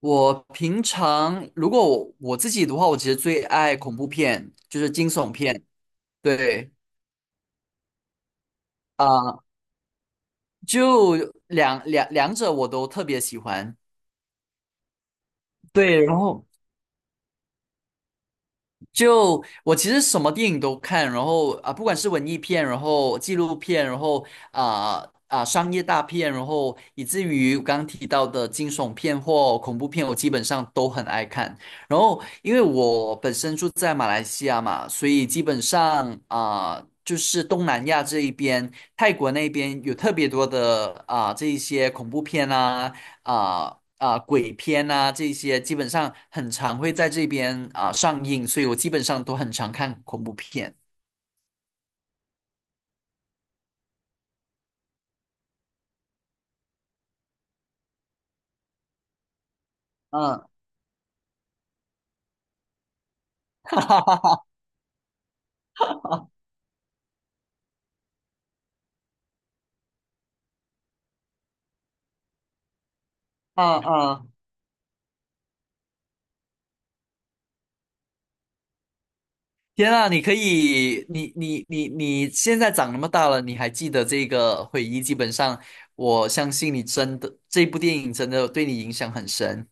我平常如果我自己的话，我其实最爱恐怖片，就是惊悚片。对啊，就两者我都特别喜欢。对，然后就我其实什么电影都看，然后不管是文艺片，然后纪录片，然后商业大片，然后以至于我刚刚提到的惊悚片或恐怖片，我基本上都很爱看。然后因为我本身住在马来西亚嘛，所以基本上。就是东南亚这一边，泰国那边有特别多的这一些恐怖片鬼片啊这些，基本上很常会在这边上映，所以我基本上都很常看恐怖片。嗯，哈哈哈哈，嗯嗯，天啊，你可以，你现在长那么大了，你还记得这个回忆，基本上我相信你真的这部电影真的对你影响很深。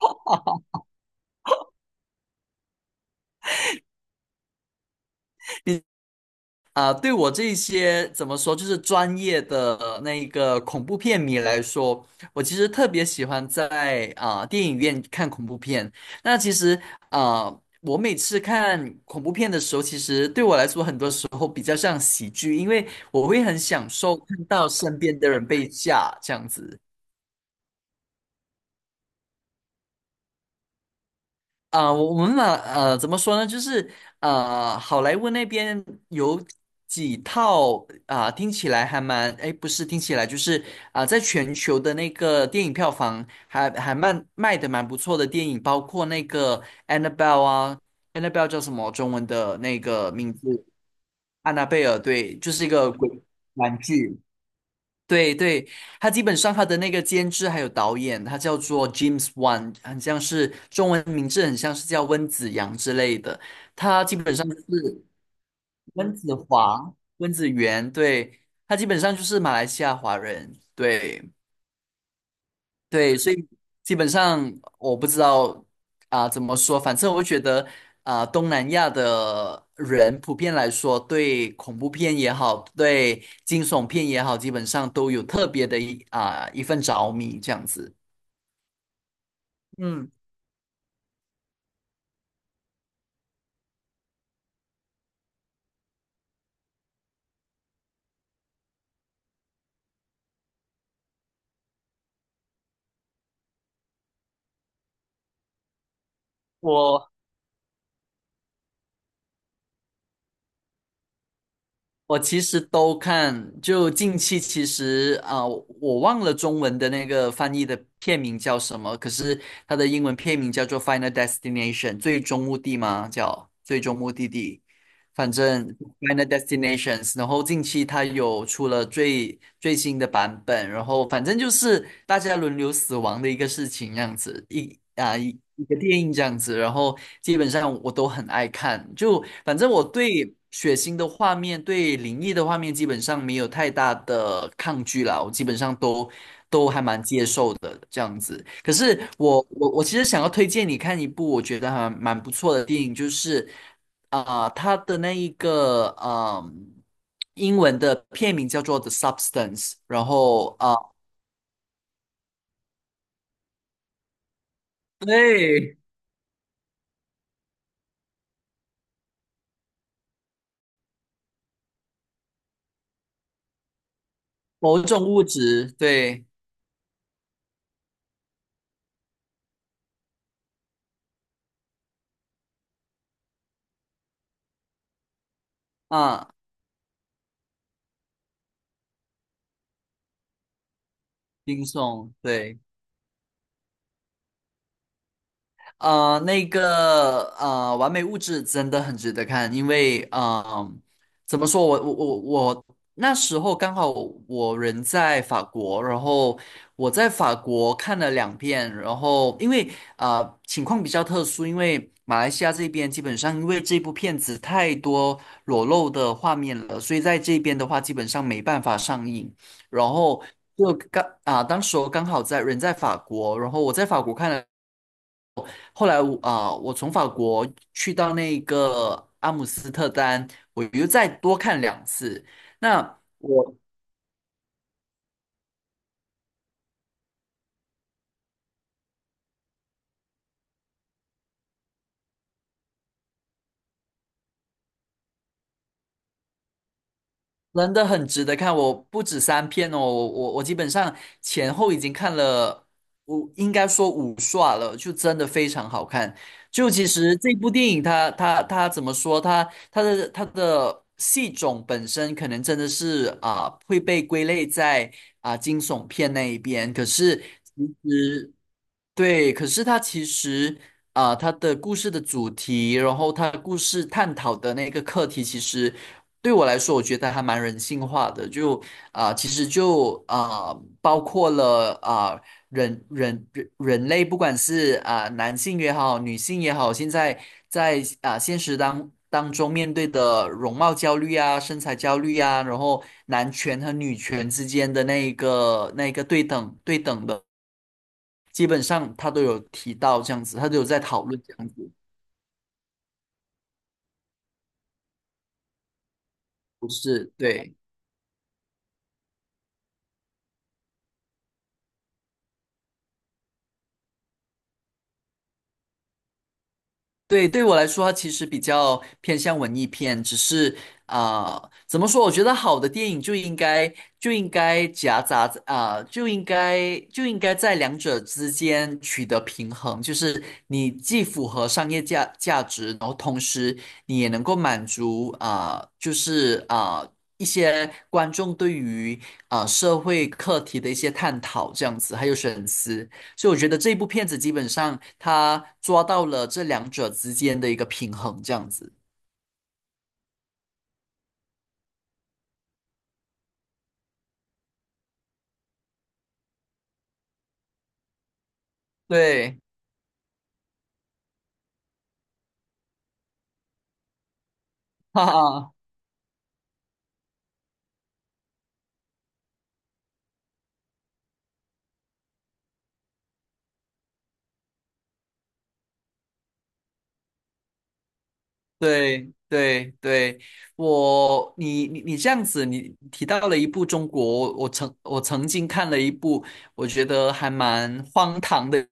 啊，对我这些怎么说，就是专业的那个恐怖片迷来说，我其实特别喜欢在电影院看恐怖片。那其实啊、我每次看恐怖片的时候，其实对我来说，很多时候比较像喜剧，因为我会很享受看到身边的人被吓这样子。我们嘛，呃，怎么说呢？就是好莱坞那边有几套听起来还蛮，哎，不是听起来，就是在全球的那个电影票房还蛮卖的蛮不错的电影，包括那个 Annabelle 啊，Annabelle 叫什么中文的那个名字？安娜贝尔，对，就是一个鬼 玩具。对对，他基本上他的那个监制还有导演，他叫做 James Wan,很像是中文名字，很像是叫温子阳之类的。他基本上就是温子华、温子元，对，他基本上就是马来西亚华人，对。对，所以基本上我不知道怎么说，反正我觉得东南亚的人普遍来说，对恐怖片也好，对惊悚片也好，基本上都有特别的一份着迷这样子。嗯，我我其实都看，就近期其实我忘了中文的那个翻译的片名叫什么，可是它的英文片名叫做《Final Destination》，最终目的吗？叫最终目的地。反正《Final Destinations》，然后近期它有出了最新的版本，然后反正就是大家轮流死亡的一个事情，这样子一啊一一个电影这样子，然后基本上我都很爱看，就反正我对血腥的画面、对灵异的画面基本上没有太大的抗拒啦，我基本上都还蛮接受的这样子。可是我其实想要推荐你看一部我觉得还蛮不错的电影，就是。它的那一个嗯，英文的片名叫做《The Substance》，然后对，某种物质，对，啊、冰送，对。呃，那个《完美物质》真的很值得看，因为怎么说，我那时候刚好我人在法国，然后我在法国看了2遍，然后因为情况比较特殊，因为马来西亚这边基本上因为这部片子太多裸露的画面了，所以在这边的话基本上没办法上映，然后。就刚，当时我刚好在人在法国，然后我在法国看了。后来我从法国去到那个阿姆斯特丹，我又再多看2次。那我真的很值得看，我不止3篇哦，我基本上前后已经看了，我应该说5刷了，就真的非常好看。就其实这部电影它怎么说？它的戏种本身可能真的是会被归类在惊悚片那一边，可是。对，可是它其实它的故事的主题，然后它故事探讨的那个课题，其实对我来说，我觉得还蛮人性化的。就其实就包括了人类，不管是男性也好，女性也好，现在在现实当中面对的容貌焦虑啊、身材焦虑啊，然后男权和女权之间的那一个对等的。基本上他都有提到这样子，他都有在讨论这样子，不是，对，对，对我来说，它其实比较偏向文艺片，只是啊、怎么说？我觉得好的电影就应该夹杂就应该在两者之间取得平衡，就是你既符合商业价值，然后同时你也能够满足就是一些观众对于社会课题的一些探讨，这样子，还有深思。所以我觉得这一部片子基本上它抓到了这两者之间的一个平衡，这样子。对，哈哈，对对对，我你你你这样子，你提到了一部中国，我曾经看了一部，我觉得还蛮荒唐的，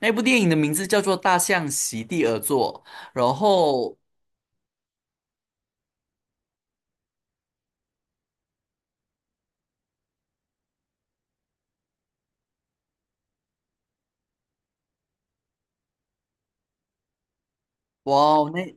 那部电影的名字叫做《大象席地而坐》，然后哇哦，那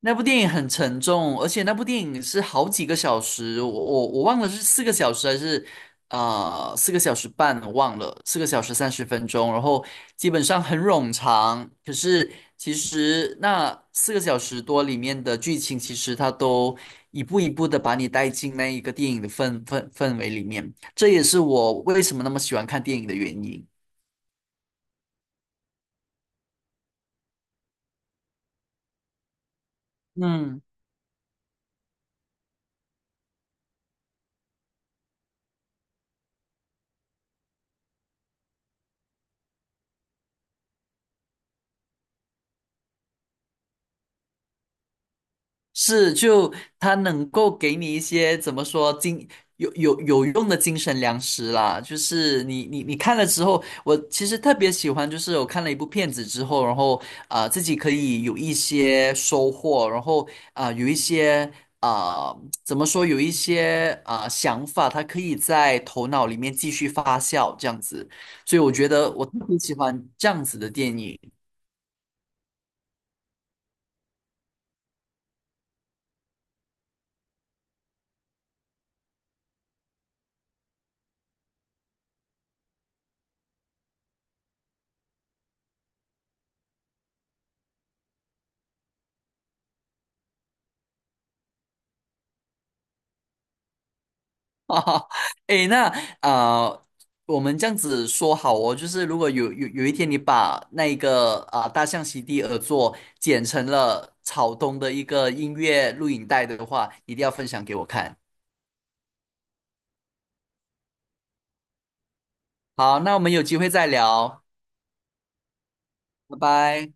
那部电影很沉重，而且那部电影是好几个小时，我忘了是四个小时还是4个小时半，我忘了，4个小时30分钟，然后基本上很冗长。可是其实那4个小时多里面的剧情，其实它都一步一步的把你带进那一个电影的氛围里面，这也是我为什么那么喜欢看电影的原因。嗯。是，就它能够给你一些怎么说有用的精神粮食啦。就是你看了之后，我其实特别喜欢，就是我看了一部片子之后，然后自己可以有一些收获，然后有一些怎么说有一些想法，它可以在头脑里面继续发酵这样子。所以我觉得我特别喜欢这样子的电影。哈哈，诶，那啊、呃我们这样子说好哦，就是如果有一天你把那个大象席地而坐剪成了草东的一个音乐录影带的话，一定要分享给我看。好，那我们有机会再聊，拜拜。